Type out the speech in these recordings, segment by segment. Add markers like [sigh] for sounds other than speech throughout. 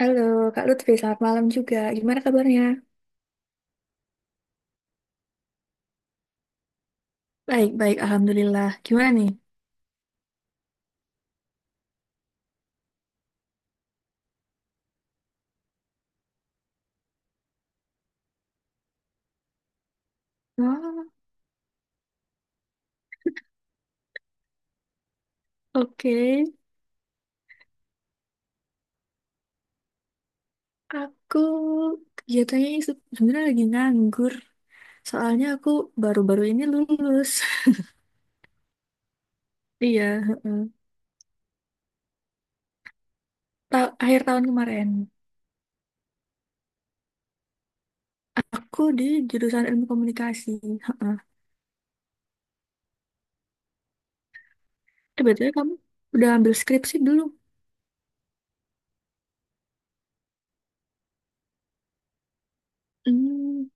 Halo, Kak Lutfi, selamat malam juga. Gimana kabarnya? Baik-baik, Alhamdulillah. Gimana nih? Oh, oke. Aku kegiatannya sebenarnya lagi nganggur. Soalnya aku baru-baru ini lulus. [laughs] Iya, heeh. Akhir tahun kemarin. Aku di jurusan ilmu komunikasi. Heeh. BTW kamu udah ambil skripsi belum? Hmm.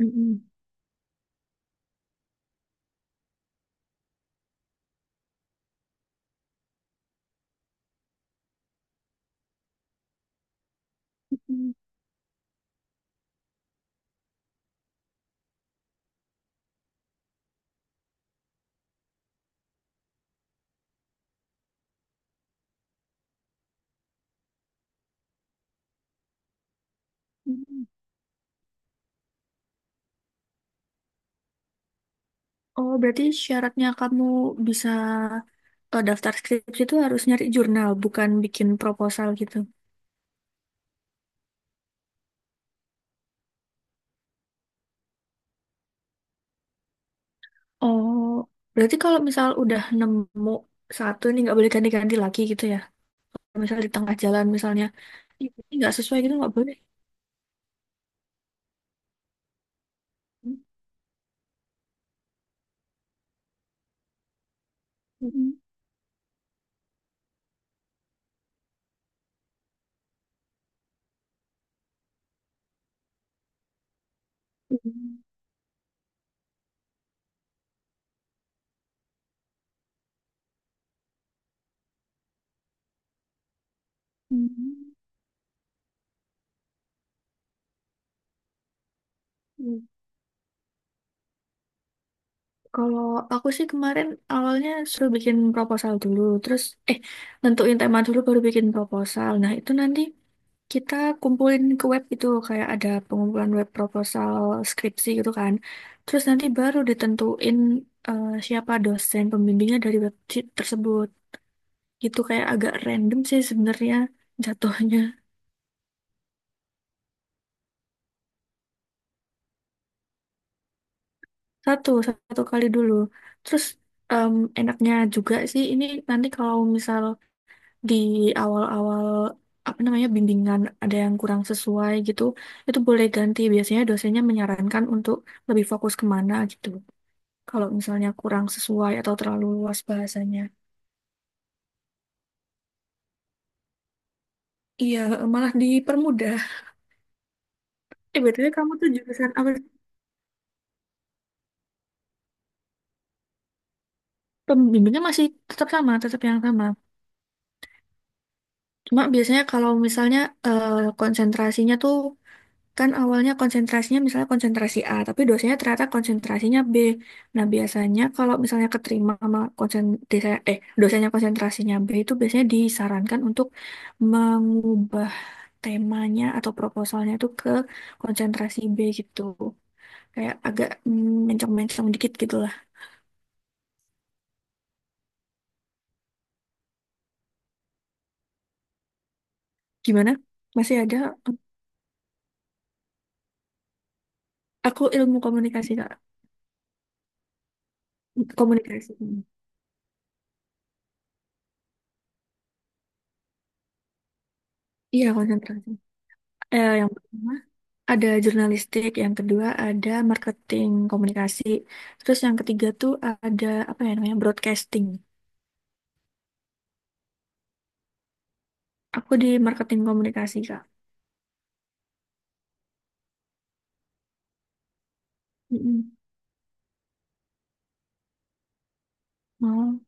Mm-mm. Mm-mm. Mm-mm. Oh, berarti syaratnya kamu bisa, daftar skripsi itu harus nyari jurnal, bukan bikin proposal gitu. Oh, berarti kalau misal udah nemu satu ini nggak boleh ganti-ganti lagi gitu ya. Misal di tengah jalan misalnya, "Ih, ini nggak sesuai gitu nggak boleh." Mm-mm. Mm-mm. Kalau aku sih kemarin awalnya suruh bikin proposal dulu, terus eh nentuin tema dulu baru bikin proposal. Nah, itu nanti kita kumpulin ke web itu, kayak ada pengumpulan web proposal skripsi gitu kan. Terus nanti baru ditentuin, siapa dosen pembimbingnya dari web tersebut. Itu kayak agak random sih sebenarnya jatuhnya. Satu. Satu kali dulu. Terus em, enaknya juga sih ini, nanti kalau misal di awal-awal, apa namanya, bimbingan ada yang kurang sesuai gitu, itu boleh ganti. Biasanya dosennya menyarankan untuk lebih fokus kemana gitu, kalau misalnya kurang sesuai atau terlalu luas bahasanya. Iya, malah dipermudah. BTW kamu tuh jurusan apa sih? Pembimbingnya masih tetap sama, tetap yang sama. Cuma biasanya kalau misalnya, eh, konsentrasinya tuh, kan awalnya konsentrasinya misalnya konsentrasi A, tapi dosennya ternyata konsentrasinya B. Nah, biasanya kalau misalnya keterima sama konsen desa- eh dosennya, konsentrasinya B, itu biasanya disarankan untuk mengubah temanya atau proposalnya itu ke konsentrasi B gitu. Kayak agak mencong-mencong dikit gitu lah. Gimana? Masih ada? Aku ilmu komunikasi, Kak. Komunikasi. Iya, konsentrasi. Yang pertama ada jurnalistik, yang kedua ada marketing komunikasi, terus yang ketiga tuh ada apa ya namanya, broadcasting. Aku di marketing komunikasi, Kak. Mm-mm. Mau?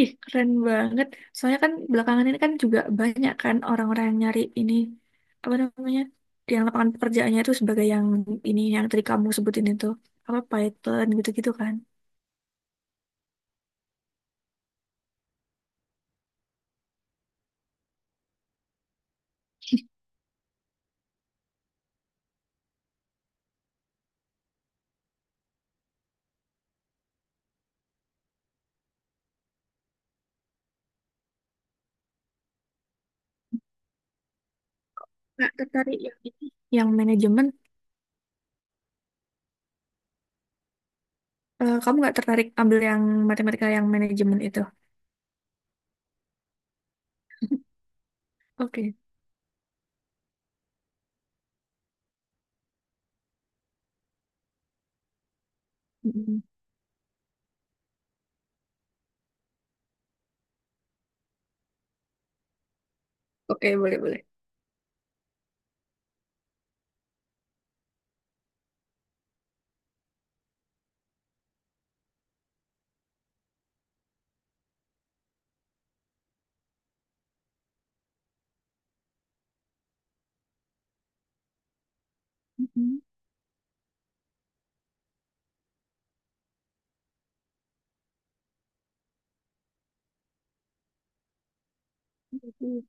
Ih, keren banget. Soalnya kan belakangan ini kan juga banyak kan orang-orang yang nyari ini, apa namanya, yang lapangan pekerjaannya itu sebagai yang ini, yang tadi kamu sebutin itu, apa Python gitu-gitu kan. Nggak tertarik yang ini, yang manajemen. Kamu nggak tertarik ambil yang matematika yang manajemen itu? Oke. Mm-mm. Oke, boleh, boleh. Mm-mm. Betul.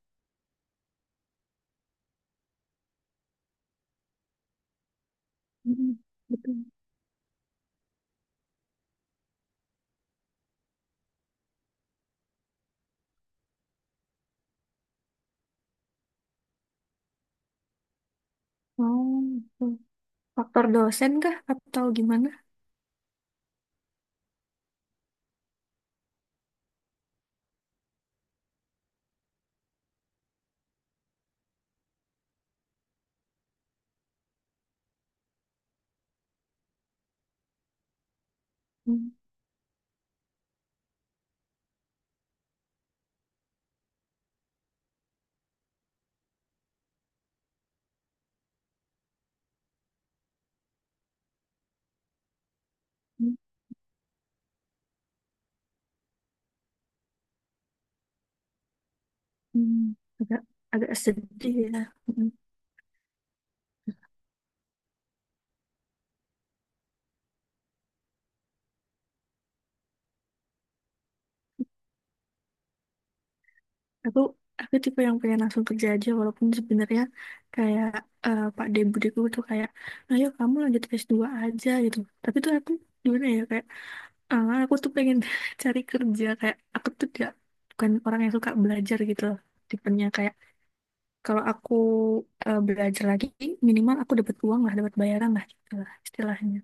Mm-mm. Betul. Oh, betul. Faktor dosen kah atau gimana? Mm-mm. Agak, agak sedih ya. aku aku tipe yang pengen langsung kerja aja, walaupun sebenarnya kayak, Pak D budiku tuh kayak, "Ayo kamu lanjut S2 aja," gitu. Tapi tuh aku gimana ya, kayak ah, aku tuh pengen [laughs] cari kerja. Kayak aku tuh tidak, bukan orang yang suka belajar gitu loh. Tipenya kayak, kalau aku belajar lagi, minimal aku dapat uang lah, dapat bayaran lah, gitu lah istilahnya.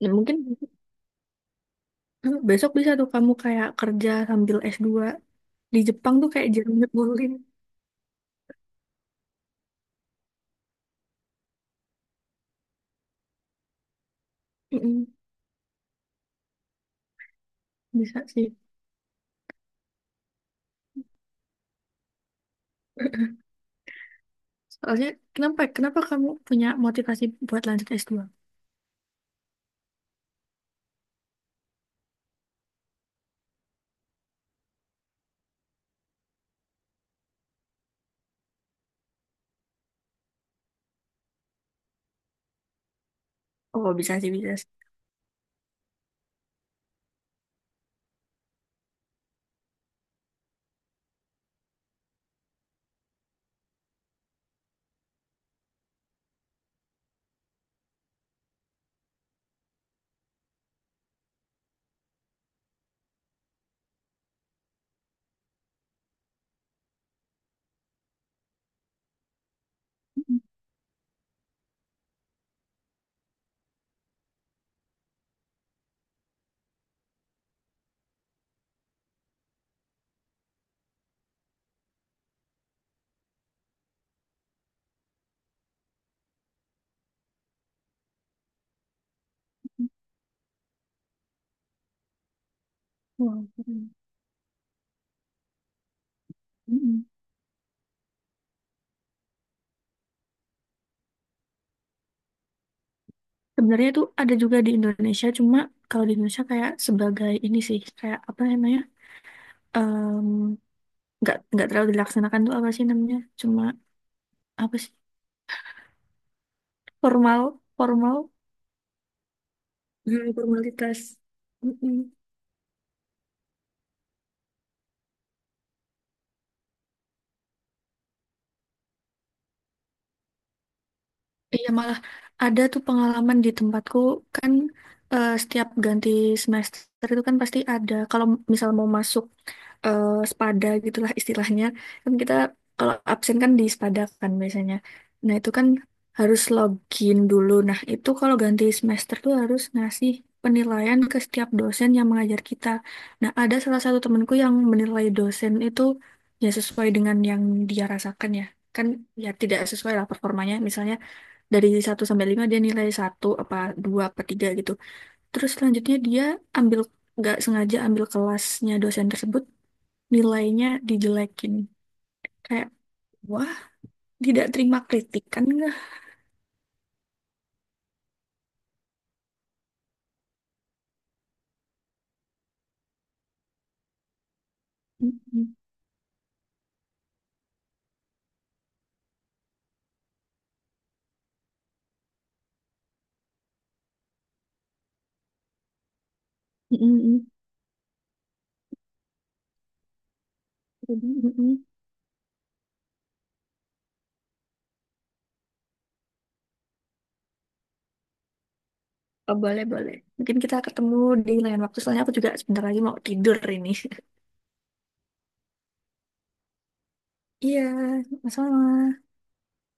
Ya, mungkin [laughs] besok bisa tuh kamu kayak kerja sambil S2. Di Jepang tuh kayak jarang nyebulin. Mm-mm, bisa sih. [laughs] Soalnya, kenapa kenapa kamu punya motivasi buat lanjut S2? Oh, bisa sih, bisa sih. Mm-mm. Wow, keren. Mm-mm. Sebenarnya itu ada juga di Indonesia, cuma kalau di Indonesia kayak sebagai ini sih, kayak apa namanya? em, nggak terlalu dilaksanakan tuh, apa sih namanya? Cuma apa sih? Formal, formal. Hmm, formalitas. Iya malah ada tuh pengalaman di tempatku, kan setiap ganti semester itu kan pasti ada, kalau misal mau masuk eh, spada gitulah istilahnya, kan kita kalau absen kan di spada kan biasanya. Nah itu kan harus login dulu. Nah itu kalau ganti semester tuh harus ngasih penilaian ke setiap dosen yang mengajar kita. Nah ada salah satu temanku yang menilai dosen itu ya sesuai dengan yang dia rasakan ya kan, ya tidak sesuai lah performanya, misalnya dari satu sampai 5 dia nilai satu apa 2 apa 3 gitu. Terus selanjutnya dia ambil, nggak sengaja ambil kelasnya dosen tersebut, nilainya dijelekin. Kayak, wah, tidak terima kritikan enggak? Oh, boleh, boleh. Mungkin kita ketemu di lain waktu. Soalnya aku juga sebentar lagi mau tidur ini. [laughs] Iya, sama-sama.